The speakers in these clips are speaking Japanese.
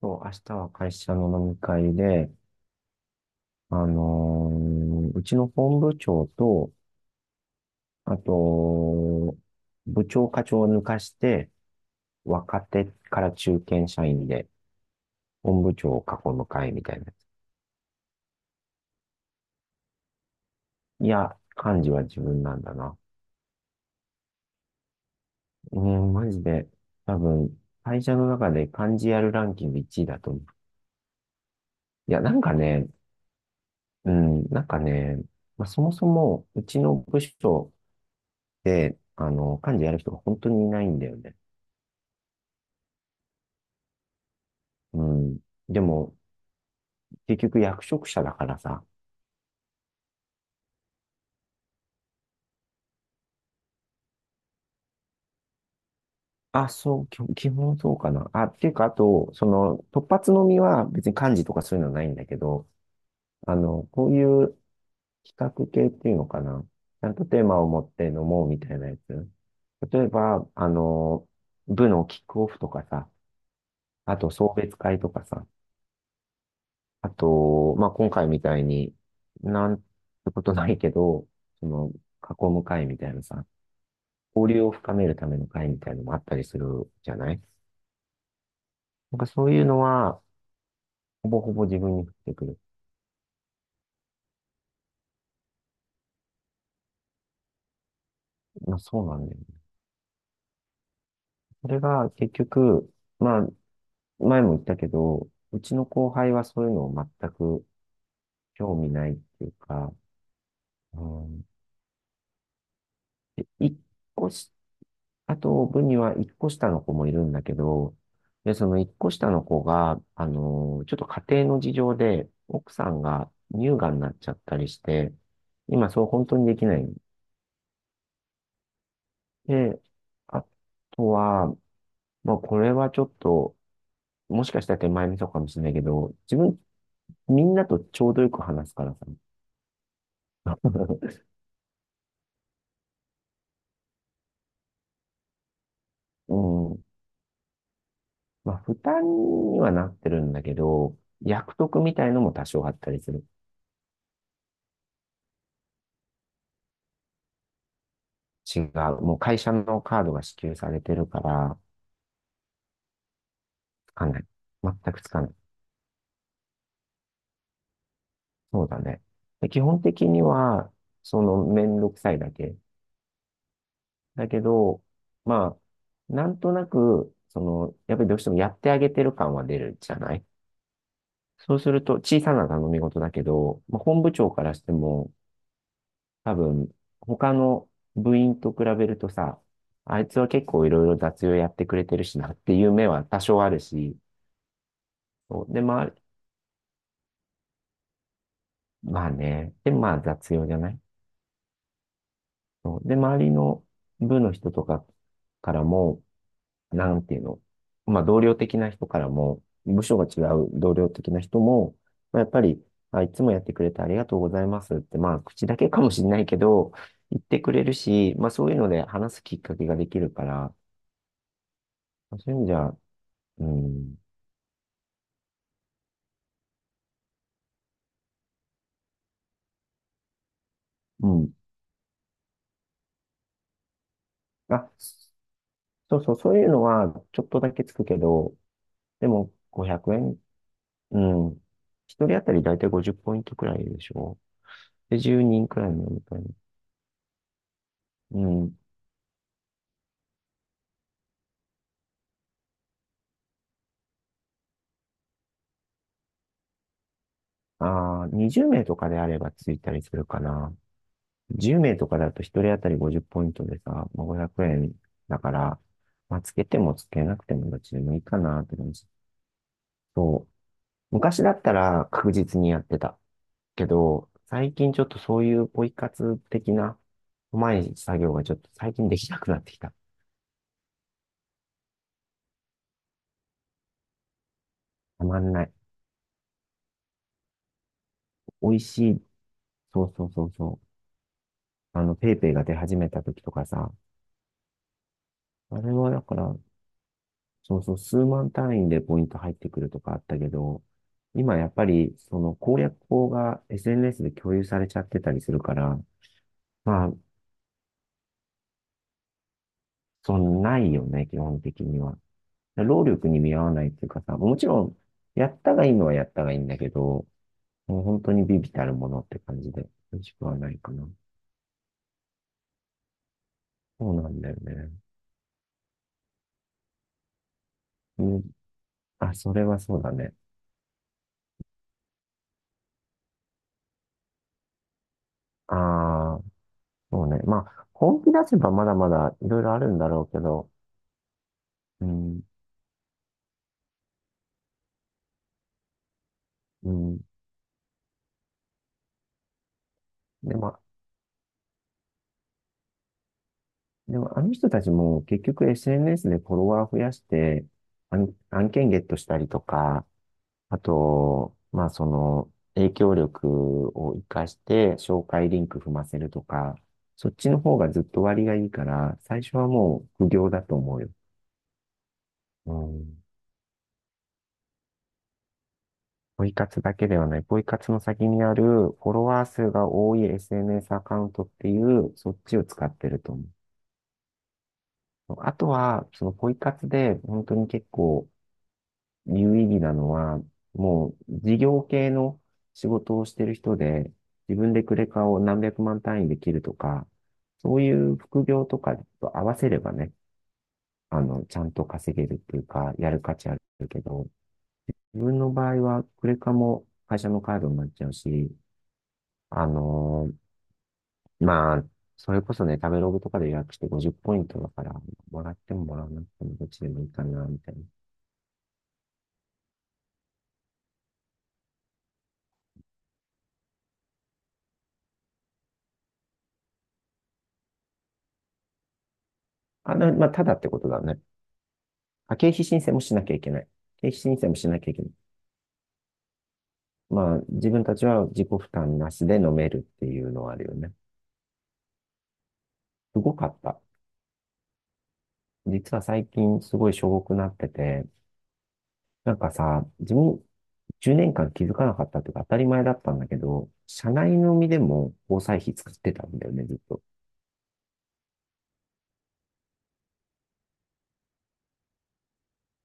そう、明日は会社の飲み会で、あのーうちの本部長と、あと、部長課長を抜かして、若手から中堅社員で、本部長を囲む会みたいなやつ。いや、幹事は自分なんだな。うん、マジで、多分、会社の中で幹事やるランキング1位だと思う。いや、なんかね、うん、なんかね、まあ、そもそも、うちの部署で、幹事やる人が本当にいないんだよね。うん。でも、結局役職者だからさ。あ、そう、基本そうかな。あ、っていうか、あと、その、突発のみは別に漢字とかそういうのはないんだけど、あの、こういう企画系っていうのかな。ちゃんとテーマを持って飲もうみたいなやつ。例えば、部のキックオフとかさ、あと送別会とかさ、あと、まあ、今回みたいに、なんてことないけど、その、囲む会みたいなさ、交流を深めるための会みたいなのもあったりするじゃない。なんかそういうのは、ほぼほぼ自分に降ってくる。まあそうなんだよね。それが結局、まあ前も言ったけど、うちの後輩はそういうのを全く興味ないっていうか、うん、で一個し、あと部には一個下の子もいるんだけど、で、その一個下の子が、ちょっと家庭の事情で、奥さんが乳がんになっちゃったりして、今そう本当にできないんで、あとは、まあ、これはちょっと、もしかしたら手前味噌かもしれないけど、自分、みんなとちょうどよく話すからさ。うん。まあ、負担にはなってるんだけど、役得みたいのも多少あったりする。違う。もう会社のカードが支給されてるから、つかない。全くつかない。そうだね。で基本的には、その、めんどくさいだけ。だけど、まあ、なんとなく、その、やっぱりどうしてもやってあげてる感は出るじゃない。そうすると、小さな頼み事だけど、まあ、本部長からしても、多分、他の部員と比べるとさ、あいつは結構いろいろ雑用やってくれてるしなっていう目は多少あるし、そうで、まあ、まあね、で、まあ雑用じゃない。そうで、周りの部の人とかからも、なんていうの、まあ、同僚的な人からも、部署が違う同僚的な人も、まあ、やっぱり、あ、いつもやってくれてありがとうございますって、まあ、口だけかもしれないけど、言ってくれるし、まあ、そういうので話すきっかけができるから、まあそういう意味じゃ、うん、うん。あ、そうそう、そういうのはちょっとだけつくけど、でも500円、うん。一人当たりだいたい50ポイントくらいでしょ。で、10人くらいのみたいな。うん。ああ、20名とかであればついたりするかな。10名とかだと1人当たり50ポイントでさ、まあ、500円だから、まあ、つけてもつけなくてもどっちでもいいかなって感じ。そう。昔だったら確実にやってた。けど、最近ちょっとそういうポイ活的な、うまい作業がちょっと最近できなくなってきた。たまんない。美味しい。そうそうそうそう。ペイペイが出始めた時とかさ、あれはだから、そうそう、数万単位でポイント入ってくるとかあったけど、今やっぱりその攻略法が SNS で共有されちゃってたりするから、まあ、そんないよね、基本的には。労力に見合わないっていうかさ、もちろん、やったがいいのはやったがいいんだけど、もう本当にビビたるものって感じで、美味しくはないかな。そうなんだよね。うん。あ、それはそうだね。ああ、そうね。まあ、本気出せばまだまだいろいろあるんだろうけど、うん、うん。でも、でも、あの人たちも結局 SNS でフォロワー増やして、案件ゲットしたりとか、あと、まあその影響力を活かして紹介リンク踏ませるとか、そっちの方がずっと割がいいから、最初はもう苦行だと思うよ。うん。ポイ活だけではない、ポイ活の先にあるフォロワー数が多い SNS アカウントっていう、そっちを使ってると思う。あとは、そのポイ活で本当に結構、有意義なのは、もう事業系の仕事をしてる人で、自分でクレカを何百万単位で切るとか、そういう副業とかと合わせればね、あの、ちゃんと稼げるっていうか、やる価値あるけど、自分の場合はクレカも会社のカードになっちゃうし、あのまあ、それこそね、食べログとかで予約して50ポイントだから、もらってももらわなくてもどっちでもいいかな、みたいな。あの、まあ、ただってことだね。あ、経費申請もしなきゃいけない。経費申請もしなきゃいけない。まあ、自分たちは自己負担なしで飲めるっていうのはあるよね。すごかった。実は最近すごいしょぼくなってて、なんかさ、自分10年間気づかなかったっていうか当たり前だったんだけど、社内飲みでも交際費作ってたんだよね、ずっと。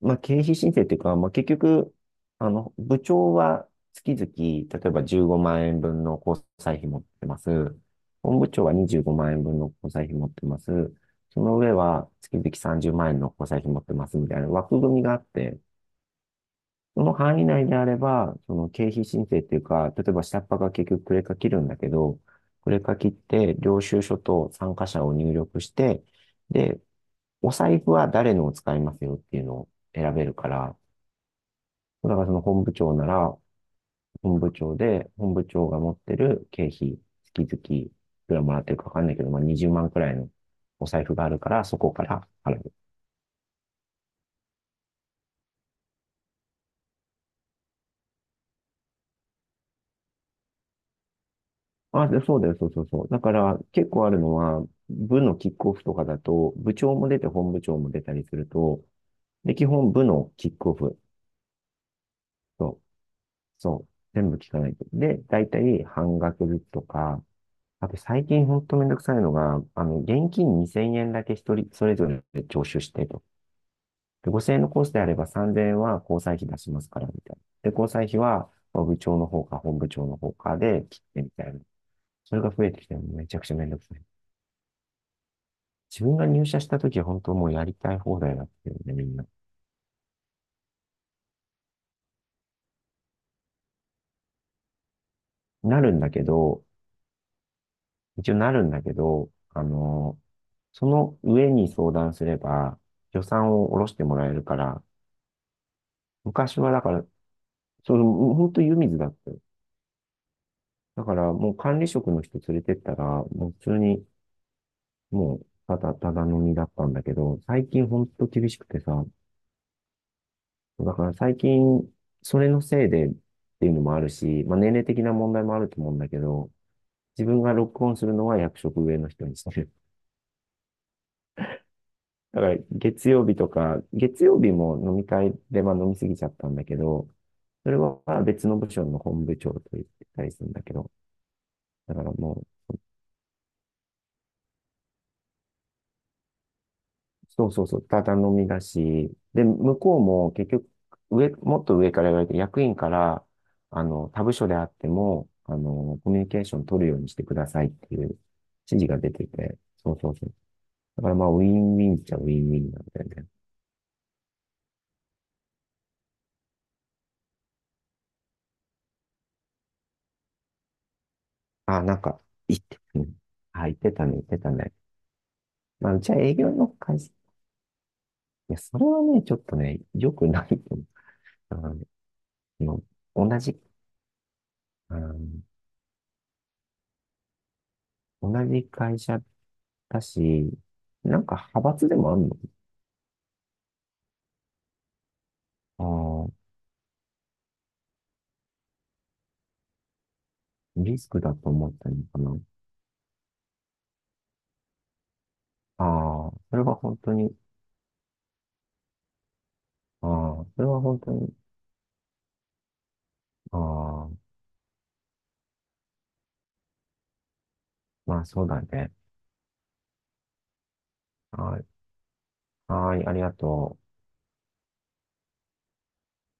まあ、経費申請っていうか、まあ、結局、あの、部長は月々、例えば15万円分の交際費持ってます。本部長は25万円分の交際費持ってます。その上は月々30万円の交際費持ってますみたいな枠組みがあって、その範囲内であれば、その経費申請っていうか、例えば下っ端が結局クレカ切るんだけど、クレカ切って領収書と参加者を入力して、で、お財布は誰のを使いますよっていうのを選べるから、だからその本部長なら、本部長が持ってる経費、月々、いくらもらってるかわかんないけど、まあ20万くらいのお財布があるから、そこから払う。あ、で、そうだよ、そうそうそう。だから結構あるのは、部のキックオフとかだと、部長も出て本部長も出たりすると、で、基本部のキックオフと、そう、全部聞かないと。で、大体半額ずつとか、あと最近ほんとめんどくさいのが、あの、現金2000円だけ一人、それぞれ徴収してと。で、5000円のコースであれば3000円は交際費出しますから、みたいな。で、交際費は、部長の方か本部長の方かで切ってみたいな。それが増えてきてもめちゃくちゃめんどくさい。自分が入社した時は本当もうやりたい放題だったよね、みんな。なるんだけど、一応なるんだけど、あのその上に相談すれば予算を下ろしてもらえるから、昔はだから、その、本当湯水だったよ。だからもう管理職の人連れてったら、もう普通にもう、ただただ飲みだったんだけど、最近ほんと厳しくてさ、だから最近、それのせいでっていうのもあるし、まあ年齢的な問題もあると思うんだけど、自分がロックオンするのは役職上の人にしてる。だから月曜日とか、月曜日も飲み会でまあ飲みすぎちゃったんだけど、それは別の部署の本部長と言ってたりするんだけど、だからもうそうそうそう、ただ飲みだし、で、向こうも結局、もっと上から言われて、役員から、あの、他部署であっても、あの、コミュニケーション取るようにしてくださいっていう指示が出てて、そうそうそう。だからまあ、ウィンウィンっちゃウィンウィンなんだよね。あ、なんか、言ってたね。あ、言ってたね、言ってたね。まあ、うちは営業の会社、いや、それはね、ちょっとね、良くないと思ったな。今同じ、うん、同じ会社だし、なんか派閥でもあるの？ああ、リスクだと思ったのかな。ああ、それは本当に、ああ、それは本当に、ああ、まあそうだね。はい、はい、ありがとう。